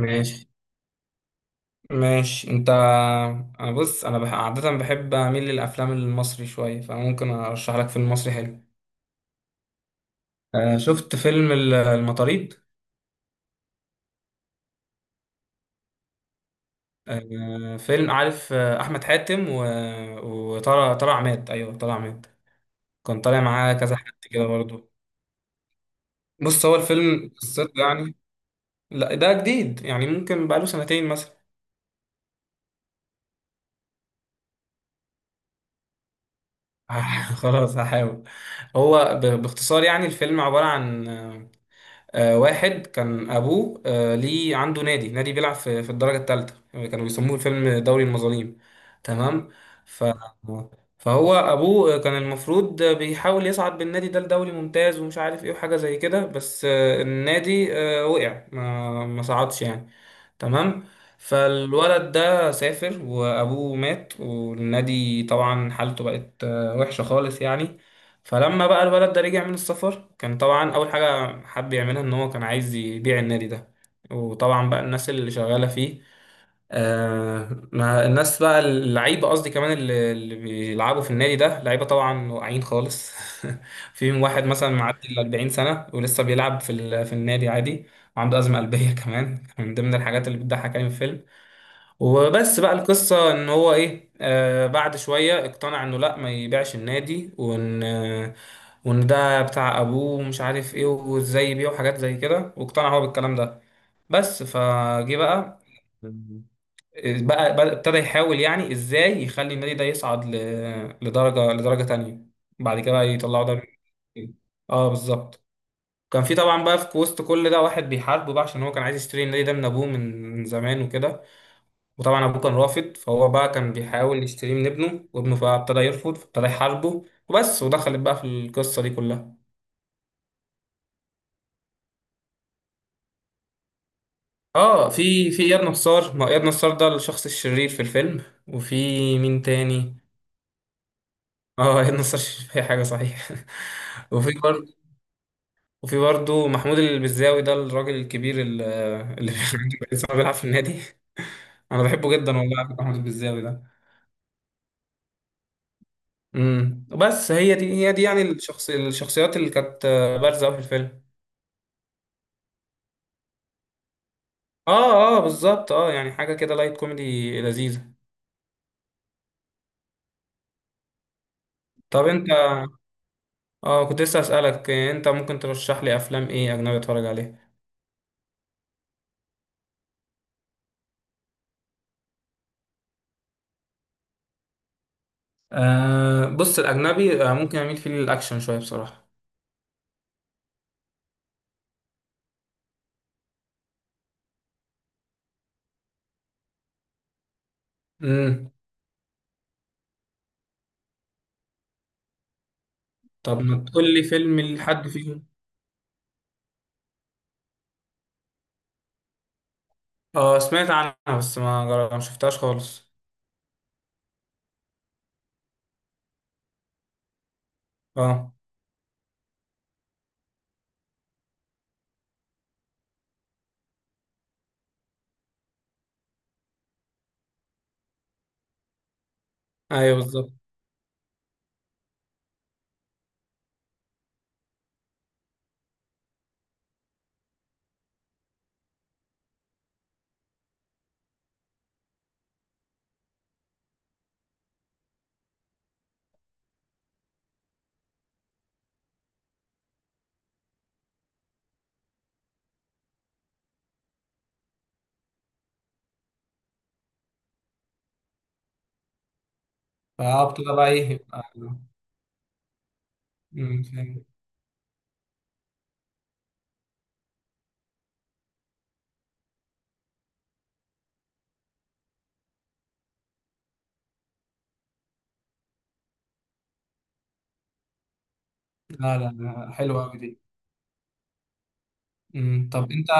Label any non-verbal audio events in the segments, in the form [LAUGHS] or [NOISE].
ماشي، ماشي انت. انا، بص، عادة بحب اميل للافلام المصري شوية، فممكن ارشح لك فيلم مصري حلو. شفت فيلم المطاريد. فيلم، عارف، احمد حاتم و... وطلع عماد، ايوه، طلع عماد. كان طالع معاه كذا حد كده برضه. بص، هو الفيلم قصته يعني. لا، ده جديد يعني، ممكن بقاله سنتين مثلا. [LAUGHS] خلاص، هحاول. هو باختصار يعني الفيلم عبارة عن واحد كان ابوه ليه عنده نادي بيلعب في الدرجه الثالثه، كانوا بيسموه الفيلم دوري المظالم. تمام. ف فهو ابوه كان المفروض بيحاول يصعد بالنادي ده لدوري ممتاز ومش عارف ايه وحاجه زي كده، بس النادي وقع، ما صعدش يعني. تمام. فالولد ده سافر وابوه مات، والنادي طبعا حالته بقت وحشة خالص يعني. فلما بقى الولد ده رجع من السفر، كان طبعا اول حاجة حب يعملها ان هو كان عايز يبيع النادي ده. وطبعا بقى الناس اللي شغالة فيه، ما الناس بقى اللعيبه قصدي، كمان اللي بيلعبوا في النادي ده لعيبه طبعا واقعين خالص. [LAUGHS] فيهم واحد مثلا معدي ال 40 سنه ولسه بيلعب في في النادي عادي. وعنده ازمه قلبيه، [LAUGHS] كمان من ضمن الحاجات اللي بتضحك يعني في الفيلم. وبس بقى القصه ان هو ايه، بعد شويه اقتنع انه لا، ما يبيعش النادي، وان ده بتاع ابوه ومش عارف ايه وازاي يبيعه، حاجات زي كده، واقتنع هو بالكلام ده. بس فجه بقى بقى ابتدى يحاول يعني ازاي يخلي النادي ده يصعد لدرجه تانية، بعد كده بقى يطلعوا دوري الابطال. اه، بالظبط. كان في طبعا بقى في وسط كل ده واحد بيحاربه بقى، عشان هو كان عايز يشتري النادي ده من ابوه من زمان وكده. وطبعا ابوه كان رافض، فهو بقى كان بيحاول يشتريه من ابنه، وابنه بقى ابتدى يرفض، فابتدى يحاربه، وبس ودخلت بقى في القصه دي كلها. اه، في اياد نصار. ما هو اياد نصار ده الشخص الشرير في الفيلم. وفي مين تاني؟ اه، هي النصر الشريف اي حاجه صحيح. [LAUGHS] وفي برضه وفي برضه محمود البزاوي ده الراجل الكبير اللي [LAUGHS] لسه بيلعب في النادي. [LAUGHS] انا بحبه جدا والله، محمود البزاوي ده. بس هي دي يعني الشخصيات اللي كانت بارزه أوي في الفيلم. اه، اه، بالظبط. اه، يعني حاجه كده لايت كوميدي لذيذه. طب انت. اه، كنت لسه اسالك، انت ممكن ترشح لي افلام ايه اجنبي اتفرج عليها؟ بص، الاجنبي ممكن اميل فيه للاكشن شويه بصراحه. امم طب ما تقول لي فيلم لحد فيهم. اه، سمعت عنها، بس ما شفتهاش خالص. اه، ايوه، بالظبط. اه، بتبقى بقى ايه أمم، فاهم. لا، لا، لا، حلوة أوي دي. أمم، طب انت.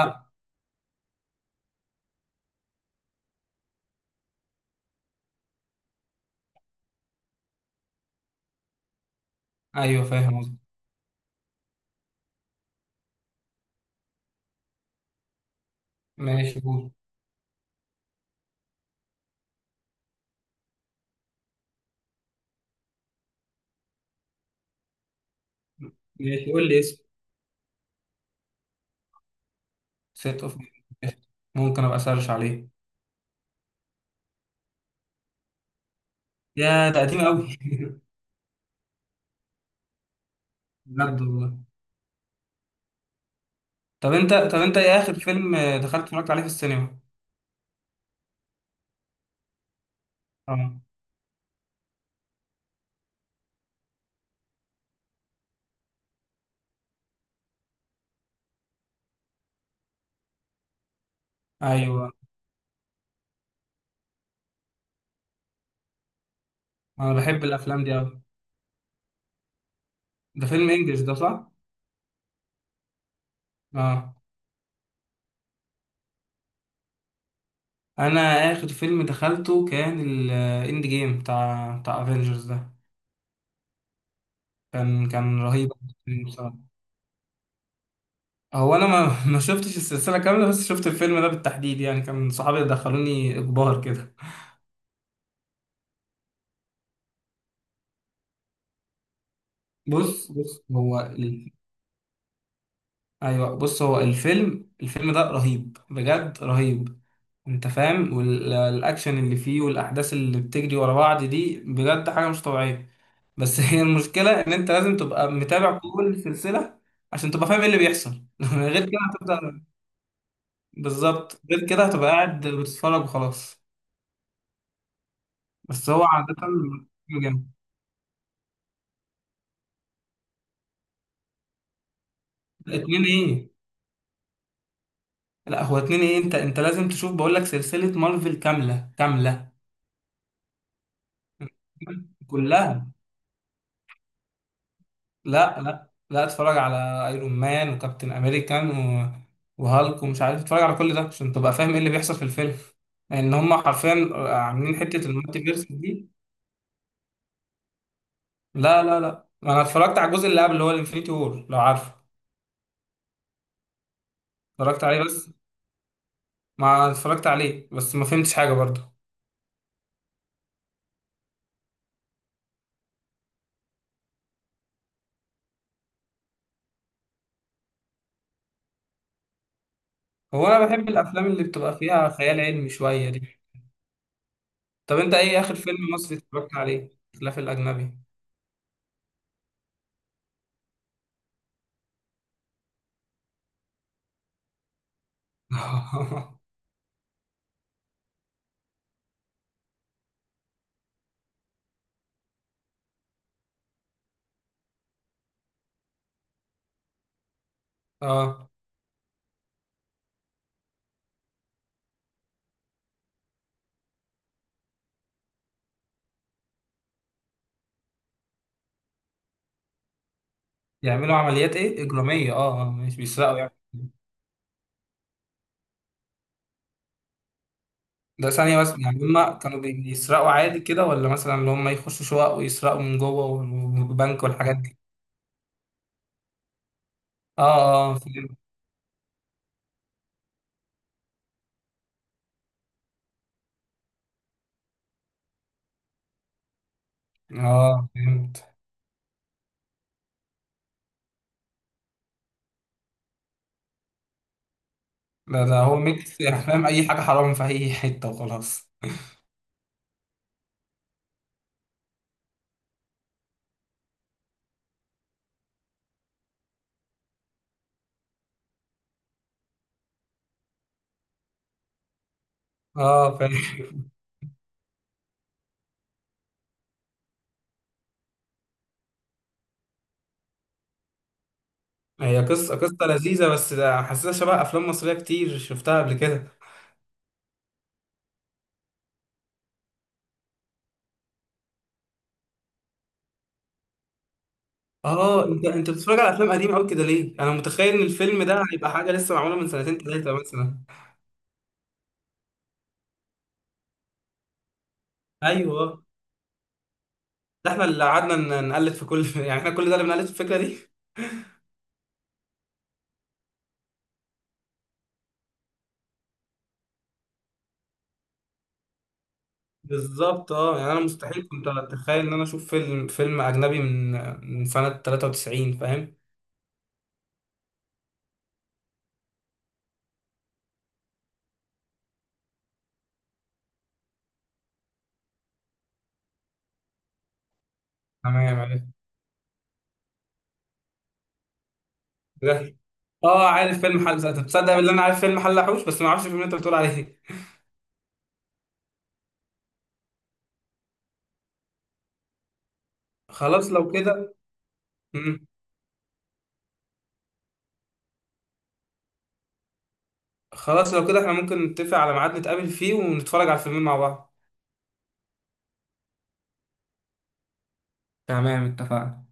ايوه، فاهم قصدي. ماشي قول ماشي، قول لي اسم. ست اوف ممكن ابقى سيرش عليه. يا ده قديم قوي. [LAUGHS] بجد والله. طب انت ايه اخر فيلم دخلت اتفرجت عليه في السينما؟ اه، ايوه. انا بحب الافلام دي قوي. ده فيلم انجلش ده، صح؟ اه. انا اخر فيلم دخلته كان الاند جيم بتاع افنجرز ده. كان رهيب بصراحه. هو انا ما [LAUGHS] ما شفتش السلسله كامله، بس شفت الفيلم ده بالتحديد، يعني كان صحابي دخلوني اجبار كده. بص هو، ايوه، بص هو الفيلم ده رهيب، بجد رهيب. انت فاهم، والاكشن اللي فيه والاحداث اللي بتجري ورا بعض دي بجد حاجه مش طبيعيه. بس [LAUGHS] هي المشكله ان انت لازم تبقى متابع كل السلسله عشان تبقى فاهم ايه اللي بيحصل. [LAUGHS] غير كده هتبدا. بالظبط، غير كده هتبقى قاعد بتتفرج وخلاص. بس هو عاده حلو جامد. لا، اتنين ايه؟ لا، هو اتنين ايه، انت لازم تشوف، بقول لك سلسله مارفل كامله كامله. كلها. لا، لا، لا، اتفرج على ايرون مان وكابتن امريكان و... وهالك ومش عارف، اتفرج على كل ده عشان تبقى فاهم ايه اللي بيحصل في الفيلم. لان هم حرفيا عاملين حته المالتي فيرس دي. لا، لا، لا، انا اتفرجت على الجزء اللي قبل اللي هو الانفينيتي وور، لو عارفه. اتفرجت عليه بس، ما اتفرجت عليه بس ما فهمتش حاجه برضه. هو انا بحب الافلام اللي بتبقى فيها خيال علمي شويه دي. طب انت ايه اخر فيلم مصري اتفرجت عليه خلاف الاجنبي؟ [LAUGHS] اه، يعملوا عمليات ايه اجراميه؟ اه، مش بيسرقوا يعني. ده ثانية بس، يعني هما كانوا بيسرقوا عادي كده، ولا مثلا اللي هما يخشوا شقق ويسرقوا من جوه والبنك والحاجات دي؟ اه. اه، فهمت. اه، فهمت. ده هو ميكس، يعني فاهم؟ اي حاجة حرام في اي حتة وخلاص. اه، فاهم. هي قصة لذيذة، بس ده حاسسها شبه أفلام مصرية كتير شفتها قبل كده. أنت بتتفرج على أفلام قديمة أوي كده ليه؟ أنا متخيل إن الفيلم ده هيبقى حاجة لسه معمولة من سنتين تلاتة مثلا. أيوه. ده إحنا اللي قعدنا نقلد في كل، [LAUGHS] يعني إحنا كل ده اللي بنقلد في الفكرة دي. بالظبط. اه، يعني انا مستحيل كنت اتخيل ان انا اشوف فيلم اجنبي من سنه 93، فاهم؟ تمام، عرفت ده. اه، عارف فيلم حل، تصدق بالله، انا عارف فيلم حلحوش، بس ما اعرفش الفيلم اللي انت بتقول عليه. خلاص لو كده. مم. خلاص لو كده احنا ممكن نتفق على ميعاد نتقابل فيه ونتفرج على الفيلمين مع بعض. تمام، اتفقنا.